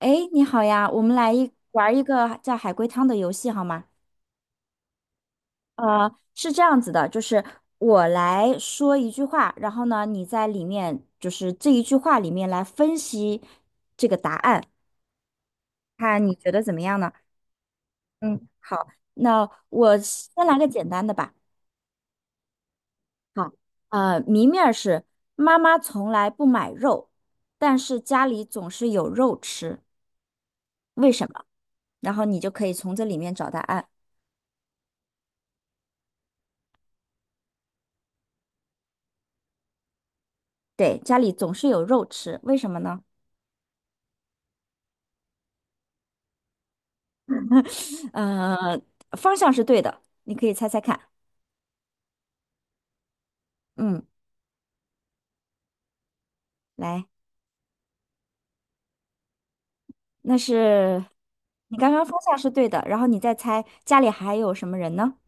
哎，你好呀，我们来玩一个叫海龟汤的游戏好吗？是这样子的，就是我来说一句话，然后呢，你在里面就是这一句话里面来分析这个答案，看你觉得怎么样呢？嗯，好，那我先来个简单的吧。好，谜面儿是妈妈从来不买肉，但是家里总是有肉吃，为什么？然后你就可以从这里面找答案。对，家里总是有肉吃，为什么呢？嗯，方向是对的，你可以猜猜看。嗯，来，那是你刚刚方向是对的，然后你再猜家里还有什么人呢？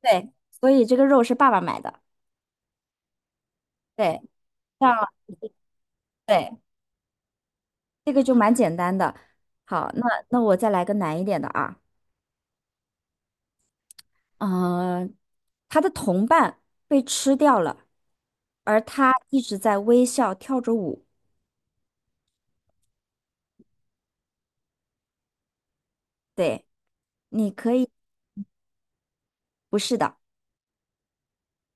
对，所以这个肉是爸爸买的。对，这样对，这个就蛮简单的。好，那我再来个难一点的啊。嗯，他的同伴被吃掉了，而他一直在微笑跳着舞。对，你可以，不是的。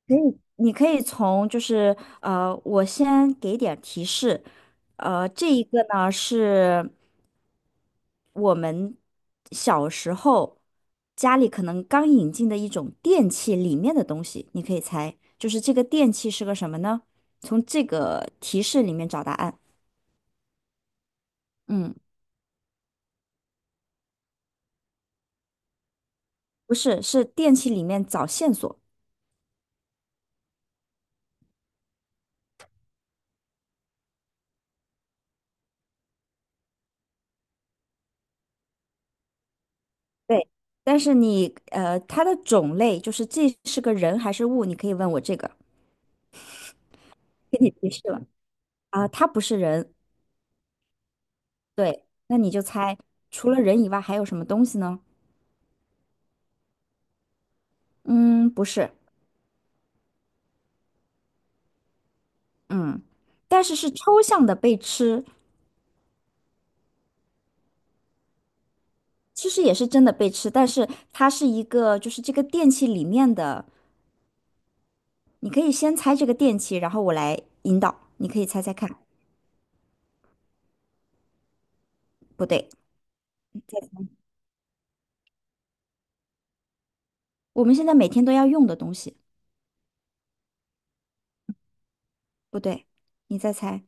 可以，你可以从就是我先给点儿提示，这一个呢是我们小时候家里可能刚引进的一种电器里面的东西，你可以猜，就是这个电器是个什么呢？从这个提示里面找答案。嗯，不是，是电器里面找线索。对，但是你它的种类就是这是个人还是物，你可以问我这个，给你提示了。啊，它不是人，对，那你就猜，除了人以外还有什么东西呢？嗯，不是，嗯，但是是抽象的被吃，其实也是真的被吃，但是它是一个，就是这个电器里面的，你可以先猜这个电器，然后我来引导，你可以猜猜看，不对，再我们现在每天都要用的东西，不对，你再猜，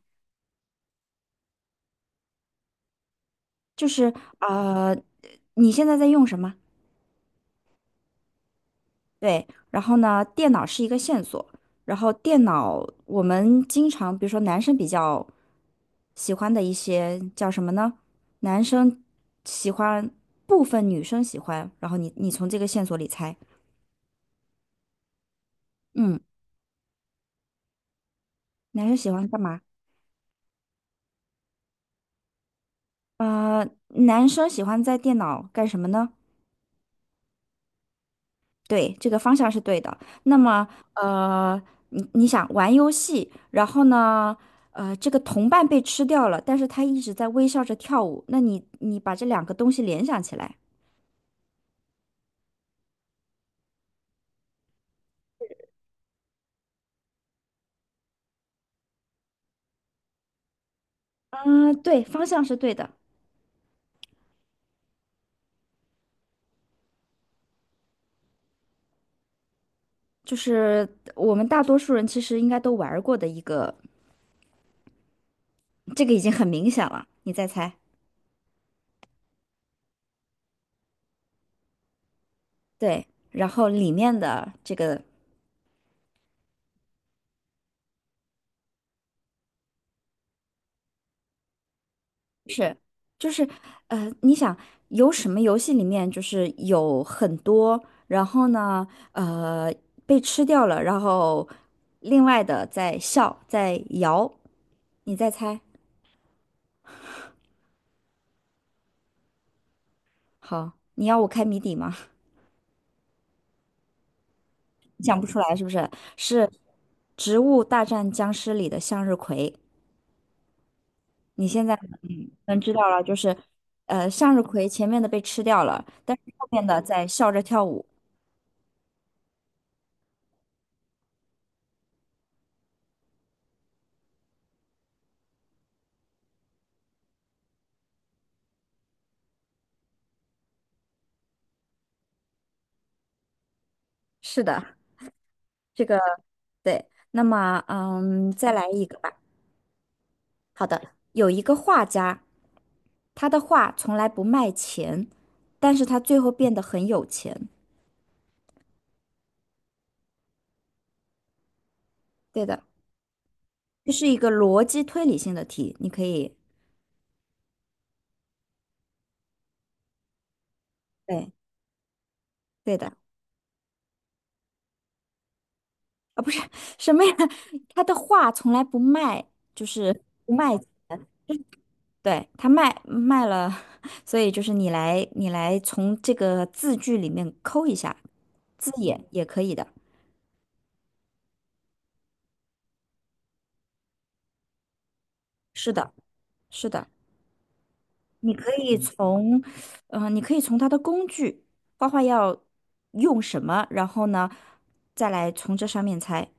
就是呃，你现在在用什么？对，然后呢，电脑是一个线索，然后电脑我们经常，比如说男生比较喜欢的一些叫什么呢？男生喜欢，部分女生喜欢，然后你从这个线索里猜，嗯，男生喜欢干嘛？呃，男生喜欢在电脑干什么呢？对，这个方向是对的。那么，呃，你想玩游戏，然后呢，这个同伴被吃掉了，但是他一直在微笑着跳舞。那你把这两个东西联想起来，嗯、对，方向是对的，就是我们大多数人其实应该都玩儿过的一个，这个已经很明显了。你再猜，对，然后里面的这个是，就是，你想有什么游戏里面就是有很多，然后呢，呃，被吃掉了，然后另外的在笑，在摇，你再猜。好，你要我开谜底吗？你想不出来是不是？是《植物大战僵尸》里的向日葵。你现在嗯能知道了，就是，向日葵前面的被吃掉了，但是后面的在笑着跳舞。是的。这个。对，那么嗯，再来一个吧。好的，有一个画家，他的画从来不卖钱，但是他最后变得很有钱。对的，这是一个逻辑推理性的题，你可以，对，对的，啊，不是什么呀？他的画从来不卖，就是不卖钱。对，他卖了，所以就是你来，你来从这个字句里面抠一下字眼也可以的。是的，是的。你可以从，你可以从它的工具，画画要用什么，然后呢，再来从这上面猜。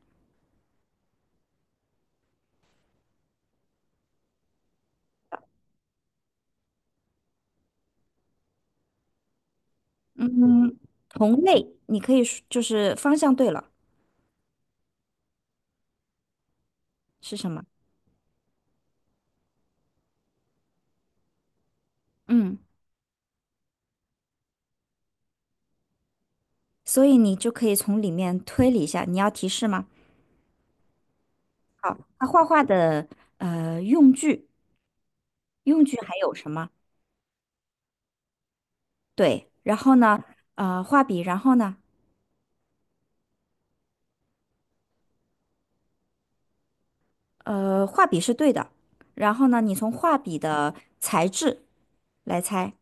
嗯，同类，你可以说就是方向对了，是什么？嗯，所以你就可以从里面推理一下。你要提示吗？好，它画画的用具，用具还有什么？对，然后呢，画笔，然后呢，画笔是对的，然后呢，你从画笔的材质来猜。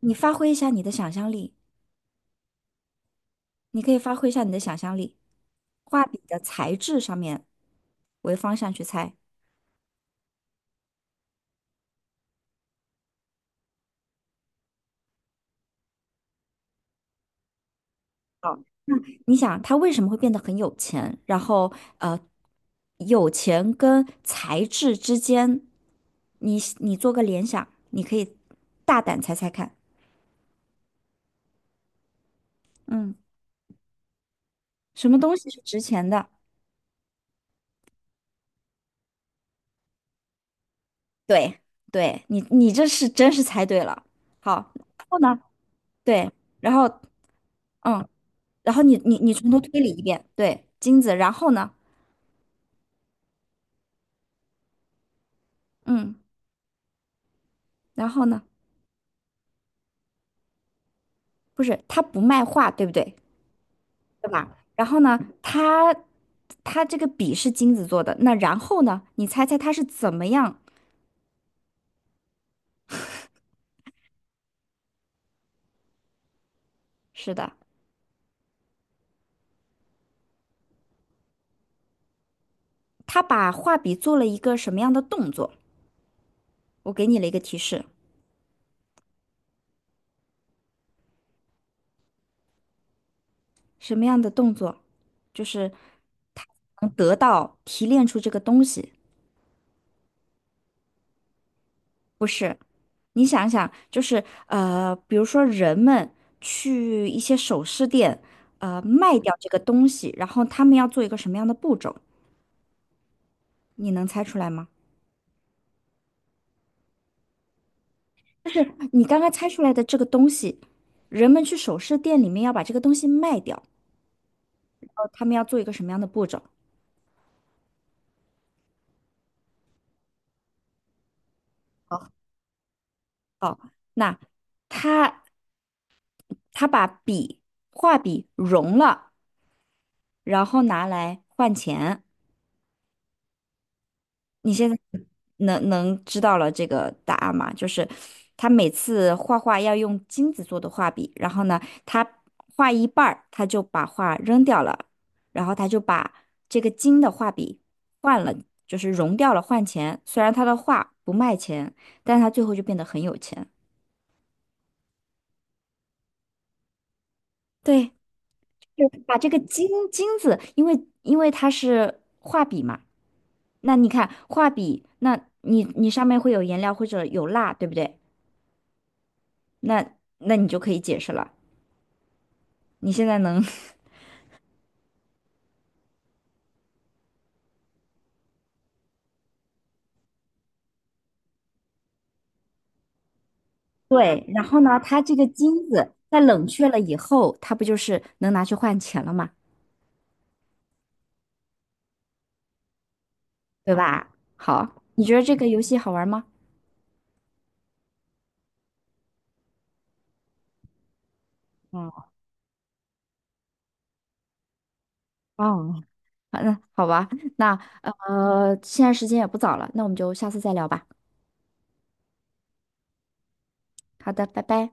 你发挥一下你的想象力，你可以发挥一下你的想象力，画笔的材质上面为方向去猜。你想他为什么会变得很有钱？然后呃，有钱跟材质之间，你做个联想，你可以大胆猜猜看，嗯，什么东西是值钱的？对，对你这是真是猜对了。好，然后呢？对，然后嗯，然后你从头推理一遍，对，金子，然后呢？嗯。然后呢，不是，他不卖画，对不对？对吧？然后呢，他他这个笔是金子做的，那然后呢，你猜猜他是怎么样？是的，他把画笔做了一个什么样的动作？我给你了一个提示，什么样的动作？就是他能得到提炼出这个东西，不是？你想想，就是比如说人们去一些首饰店，卖掉这个东西，然后他们要做一个什么样的步骤？你能猜出来吗？就是你刚刚猜出来的这个东西，人们去首饰店里面要把这个东西卖掉，然后他们要做一个什么样的步骤？好，哦，那他他把笔画笔融了，然后拿来换钱。你现在能知道了这个答案吗？就是他每次画画要用金子做的画笔，然后呢，他画一半儿，他就把画扔掉了，然后他就把这个金的画笔换了，就是融掉了换钱。虽然他的画不卖钱，但是他最后就变得很有钱。对，就把这个金子，因为它是画笔嘛，那你看画笔，那你你上面会有颜料或者有蜡，对不对？那那你就可以解释了。你现在能，对，然后呢，它这个金子在冷却了以后，它不就是能拿去换钱了嘛，对吧？好，你觉得这个游戏好玩吗？嗯，哦，好嗯，好吧，那现在时间也不早了，那我们就下次再聊吧。好的，拜拜。